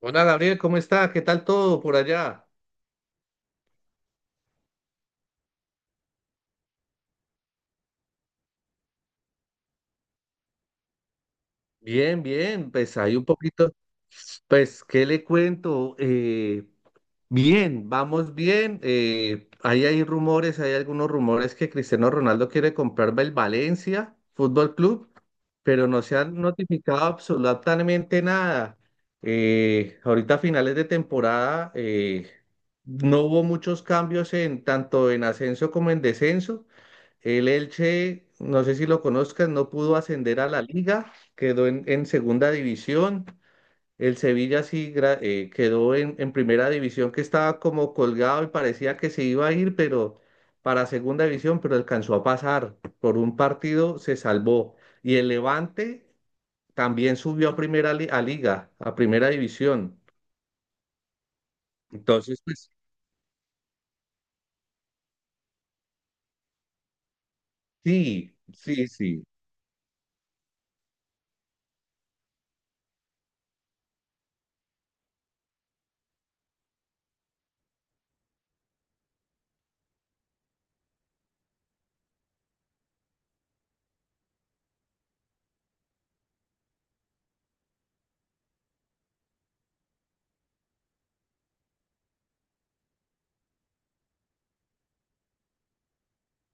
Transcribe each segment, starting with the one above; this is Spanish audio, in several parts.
Hola Gabriel, ¿cómo está? ¿Qué tal todo por allá? Bien, bien, pues hay un poquito, pues, ¿qué le cuento? Bien, vamos bien. Ahí hay rumores, hay algunos rumores que Cristiano Ronaldo quiere comprarme el Valencia Fútbol Club, pero no se han notificado absolutamente nada. Ahorita a finales de temporada, no hubo muchos cambios en tanto en ascenso como en descenso. El Elche, no sé si lo conozcas, no pudo ascender a la liga, quedó en segunda división. El Sevilla sí quedó en primera división, que estaba como colgado y parecía que se iba a ir, pero para segunda división, pero alcanzó a pasar. Por un partido se salvó. Y el Levante también subió a liga, a primera división. Entonces, pues sí, sí, sí.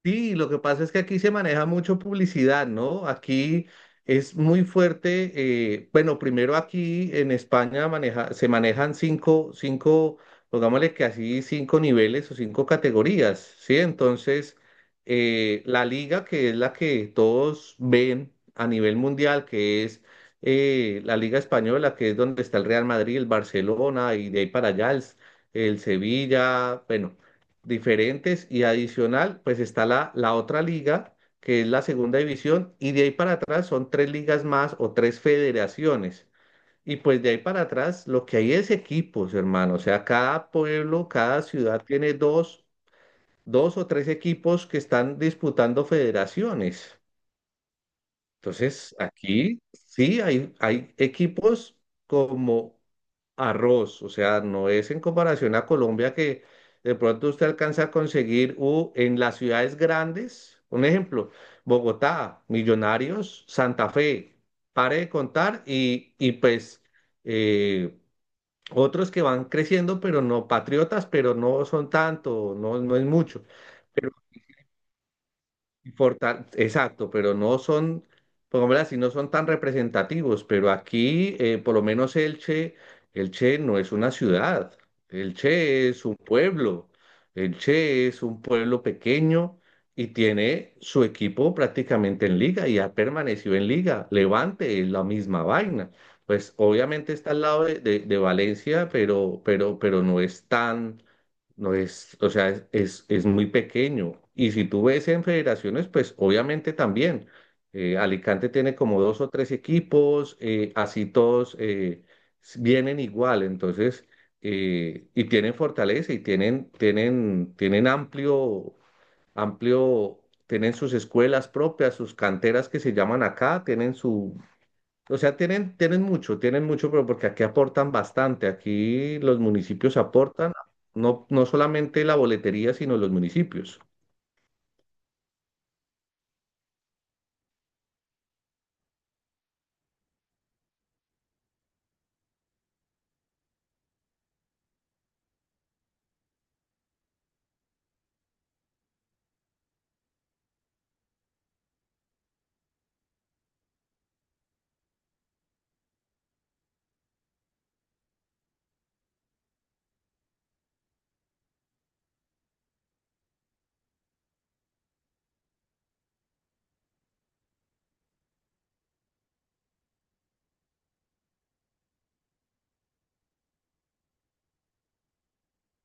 Sí, lo que pasa es que aquí se maneja mucho publicidad, ¿no? Aquí es muy fuerte. Bueno, primero aquí en España maneja, se manejan cinco, cinco, pongámosle que así, cinco niveles o cinco categorías, ¿sí? Entonces, la liga, que es la que todos ven a nivel mundial, que es la Liga Española, que es donde está el Real Madrid, el Barcelona, y de ahí para allá el Sevilla, bueno, diferentes y adicional, pues está la otra liga, que es la segunda división, y de ahí para atrás son tres ligas más o tres federaciones. Y pues de ahí para atrás lo que hay es equipos, hermano. O sea, cada pueblo, cada ciudad tiene dos o tres equipos que están disputando federaciones. Entonces, aquí sí hay equipos como arroz, o sea, no es en comparación a Colombia que de pronto usted alcanza a conseguir en las ciudades grandes, un ejemplo, Bogotá, Millonarios, Santa Fe, pare de contar y pues eh, otros que van creciendo, pero no patriotas, pero no son tanto, no, no es mucho. Exacto, pero no son, pongámoslo así, no son tan representativos, pero aquí, por lo menos Elche, Elche no es una ciudad, Elche es un pueblo, Elche es un pueblo pequeño y tiene su equipo prácticamente en liga y ha permanecido en liga. Levante es la misma vaina. Pues obviamente está al lado de Valencia, pero no es, o sea, es muy pequeño. Y si tú ves en federaciones, pues obviamente también. Alicante tiene como dos o tres equipos, así todos, vienen igual, entonces, y tienen fortaleza y tienen amplio, amplio, tienen sus escuelas propias, sus canteras que se llaman acá, tienen su, o sea, tienen mucho, tienen mucho, pero porque aquí aportan bastante. Aquí los municipios aportan, no, no solamente la boletería, sino los municipios.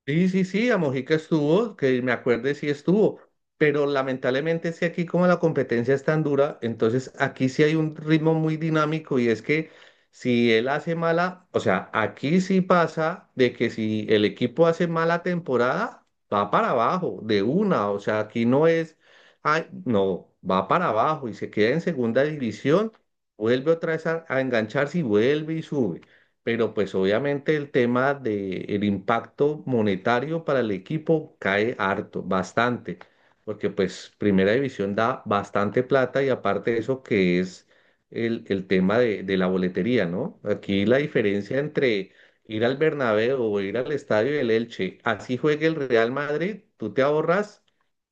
Sí, sí, sí, a Mojica estuvo, que me acuerde sí estuvo, pero lamentablemente es que aquí como la competencia es tan dura, entonces aquí sí hay un ritmo muy dinámico y es que si él hace mala, o sea, aquí sí pasa de que si el equipo hace mala temporada, va para abajo, de una, o sea, aquí no es, ay, no, va para abajo y se queda en segunda división, vuelve otra vez a engancharse y vuelve y sube, pero pues obviamente el tema de el impacto monetario para el equipo cae harto, bastante, porque pues Primera División da bastante plata y aparte de eso que es el tema de la boletería, ¿no? Aquí la diferencia entre ir al Bernabéu o ir al estadio del Elche, así juegue el Real Madrid, tú te ahorras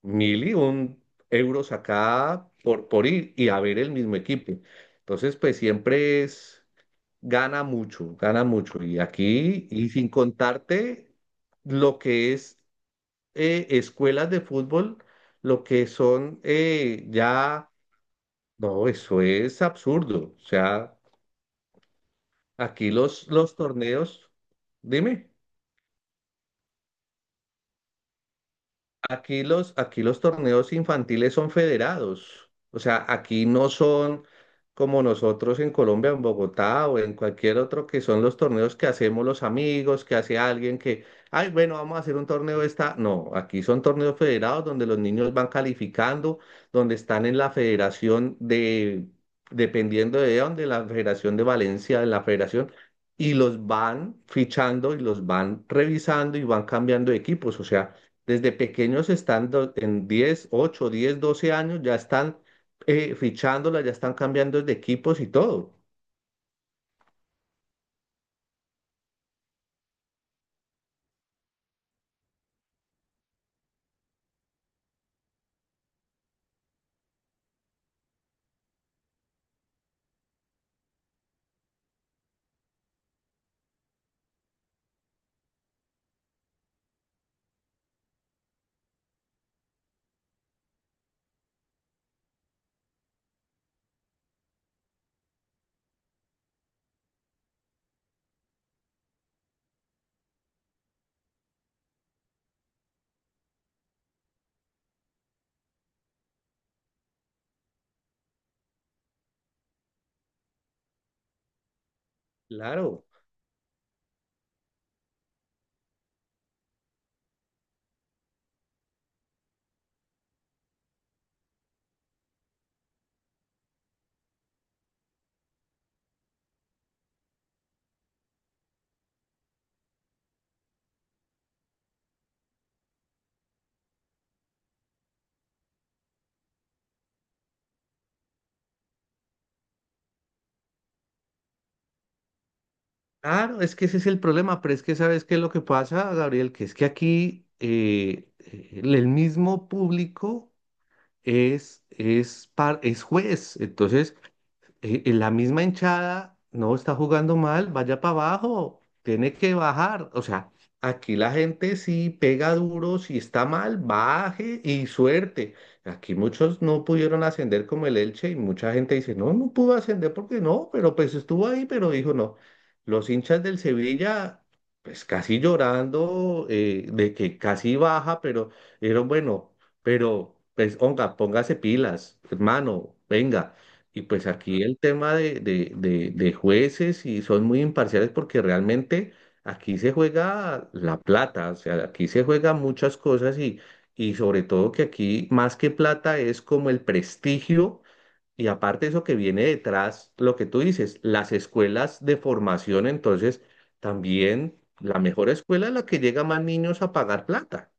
1001 euros acá por ir y a ver el mismo equipo. Entonces, pues siempre es gana mucho, gana mucho. Y aquí, y sin contarte lo que es escuelas de fútbol, lo que son ya, no, eso es absurdo. O sea, aquí los torneos, dime. Aquí los torneos infantiles son federados, o sea, aquí no son como nosotros en Colombia, en Bogotá o en cualquier otro, que son los torneos que hacemos los amigos, que hace alguien que, ay, bueno, vamos a hacer un torneo esta. No, aquí son torneos federados donde los niños van calificando, donde están en la federación de, dependiendo de dónde, la Federación de Valencia, de la Federación, y los van fichando y los van revisando y van cambiando de equipos, o sea. Desde pequeños están en 10, 8, 10, 12 años, ya están fichándola, ya están cambiando de equipos y todo. Claro, claro, es que ese es el problema, pero es que sabes qué es lo que pasa, Gabriel, que es que aquí el mismo público es juez. Entonces, la misma hinchada no está jugando mal, vaya para abajo, tiene que bajar. O sea, aquí la gente sí pega duro, si está mal, baje y suerte. Aquí muchos no pudieron ascender como el Elche y mucha gente dice, no, no pudo ascender porque no, pero pues estuvo ahí, pero dijo no. Los hinchas del Sevilla, pues casi llorando, de que casi baja, pero era bueno, pero pues, onga, póngase pilas, hermano, venga. Y pues aquí el tema de jueces y son muy imparciales porque realmente aquí se juega la plata, o sea, aquí se juega muchas cosas y sobre todo que aquí más que plata es como el prestigio y aparte eso que viene detrás, lo que tú dices, las escuelas de formación, entonces también la mejor escuela es la que llega más niños a pagar plata.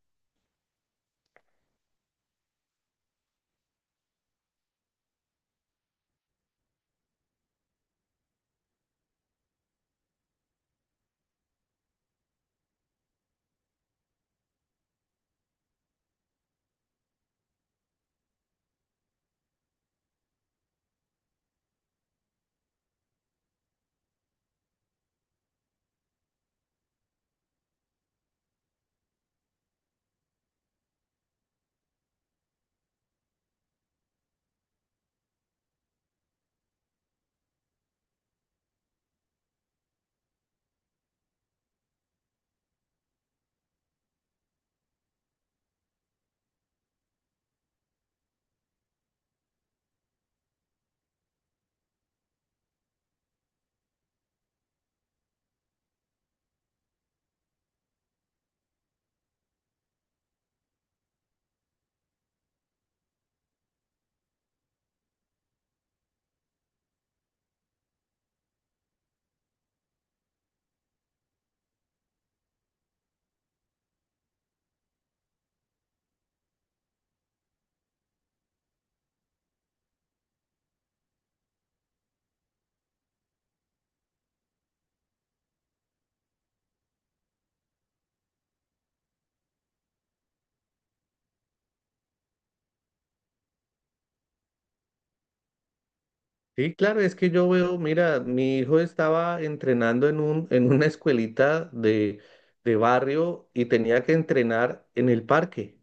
Sí, claro, es que yo veo, mira, mi hijo estaba entrenando en una escuelita de barrio y tenía que entrenar en el parque,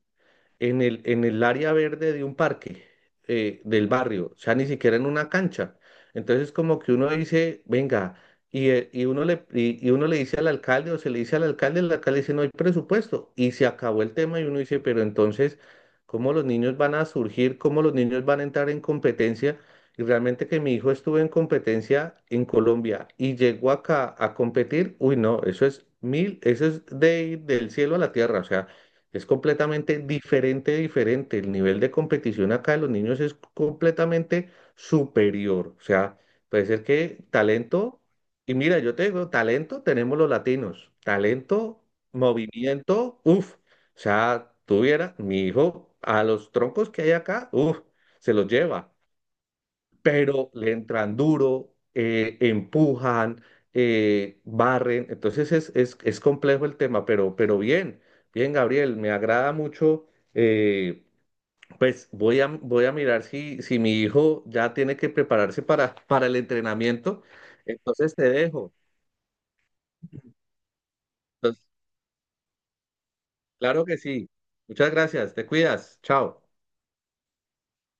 en el área verde de un parque, del barrio, o sea, ni siquiera en una cancha. Entonces, como que uno dice, venga, y uno le dice al alcalde o se le dice al alcalde, el alcalde dice, no hay presupuesto, y se acabó el tema y uno dice, pero entonces, ¿cómo los niños van a surgir? ¿Cómo los niños van a entrar en competencia? Y realmente que mi hijo estuvo en competencia en Colombia y llegó acá a competir, uy, no, eso es mil, eso es del cielo a la tierra, o sea. Es completamente diferente, diferente. El nivel de competición acá de los niños es completamente superior. O sea, puede ser que talento, y mira, yo te digo, talento tenemos los latinos, talento, movimiento, uff. O sea, tuviera mi hijo a los troncos que hay acá, uff, se los lleva, pero le entran duro, empujan, barren. Entonces es complejo el tema, pero bien, bien, Gabriel, me agrada mucho. eh, pues voy a mirar si mi hijo ya tiene que prepararse para el entrenamiento. Entonces te dejo. Entonces, claro que sí. Muchas gracias, te cuidas. Chao.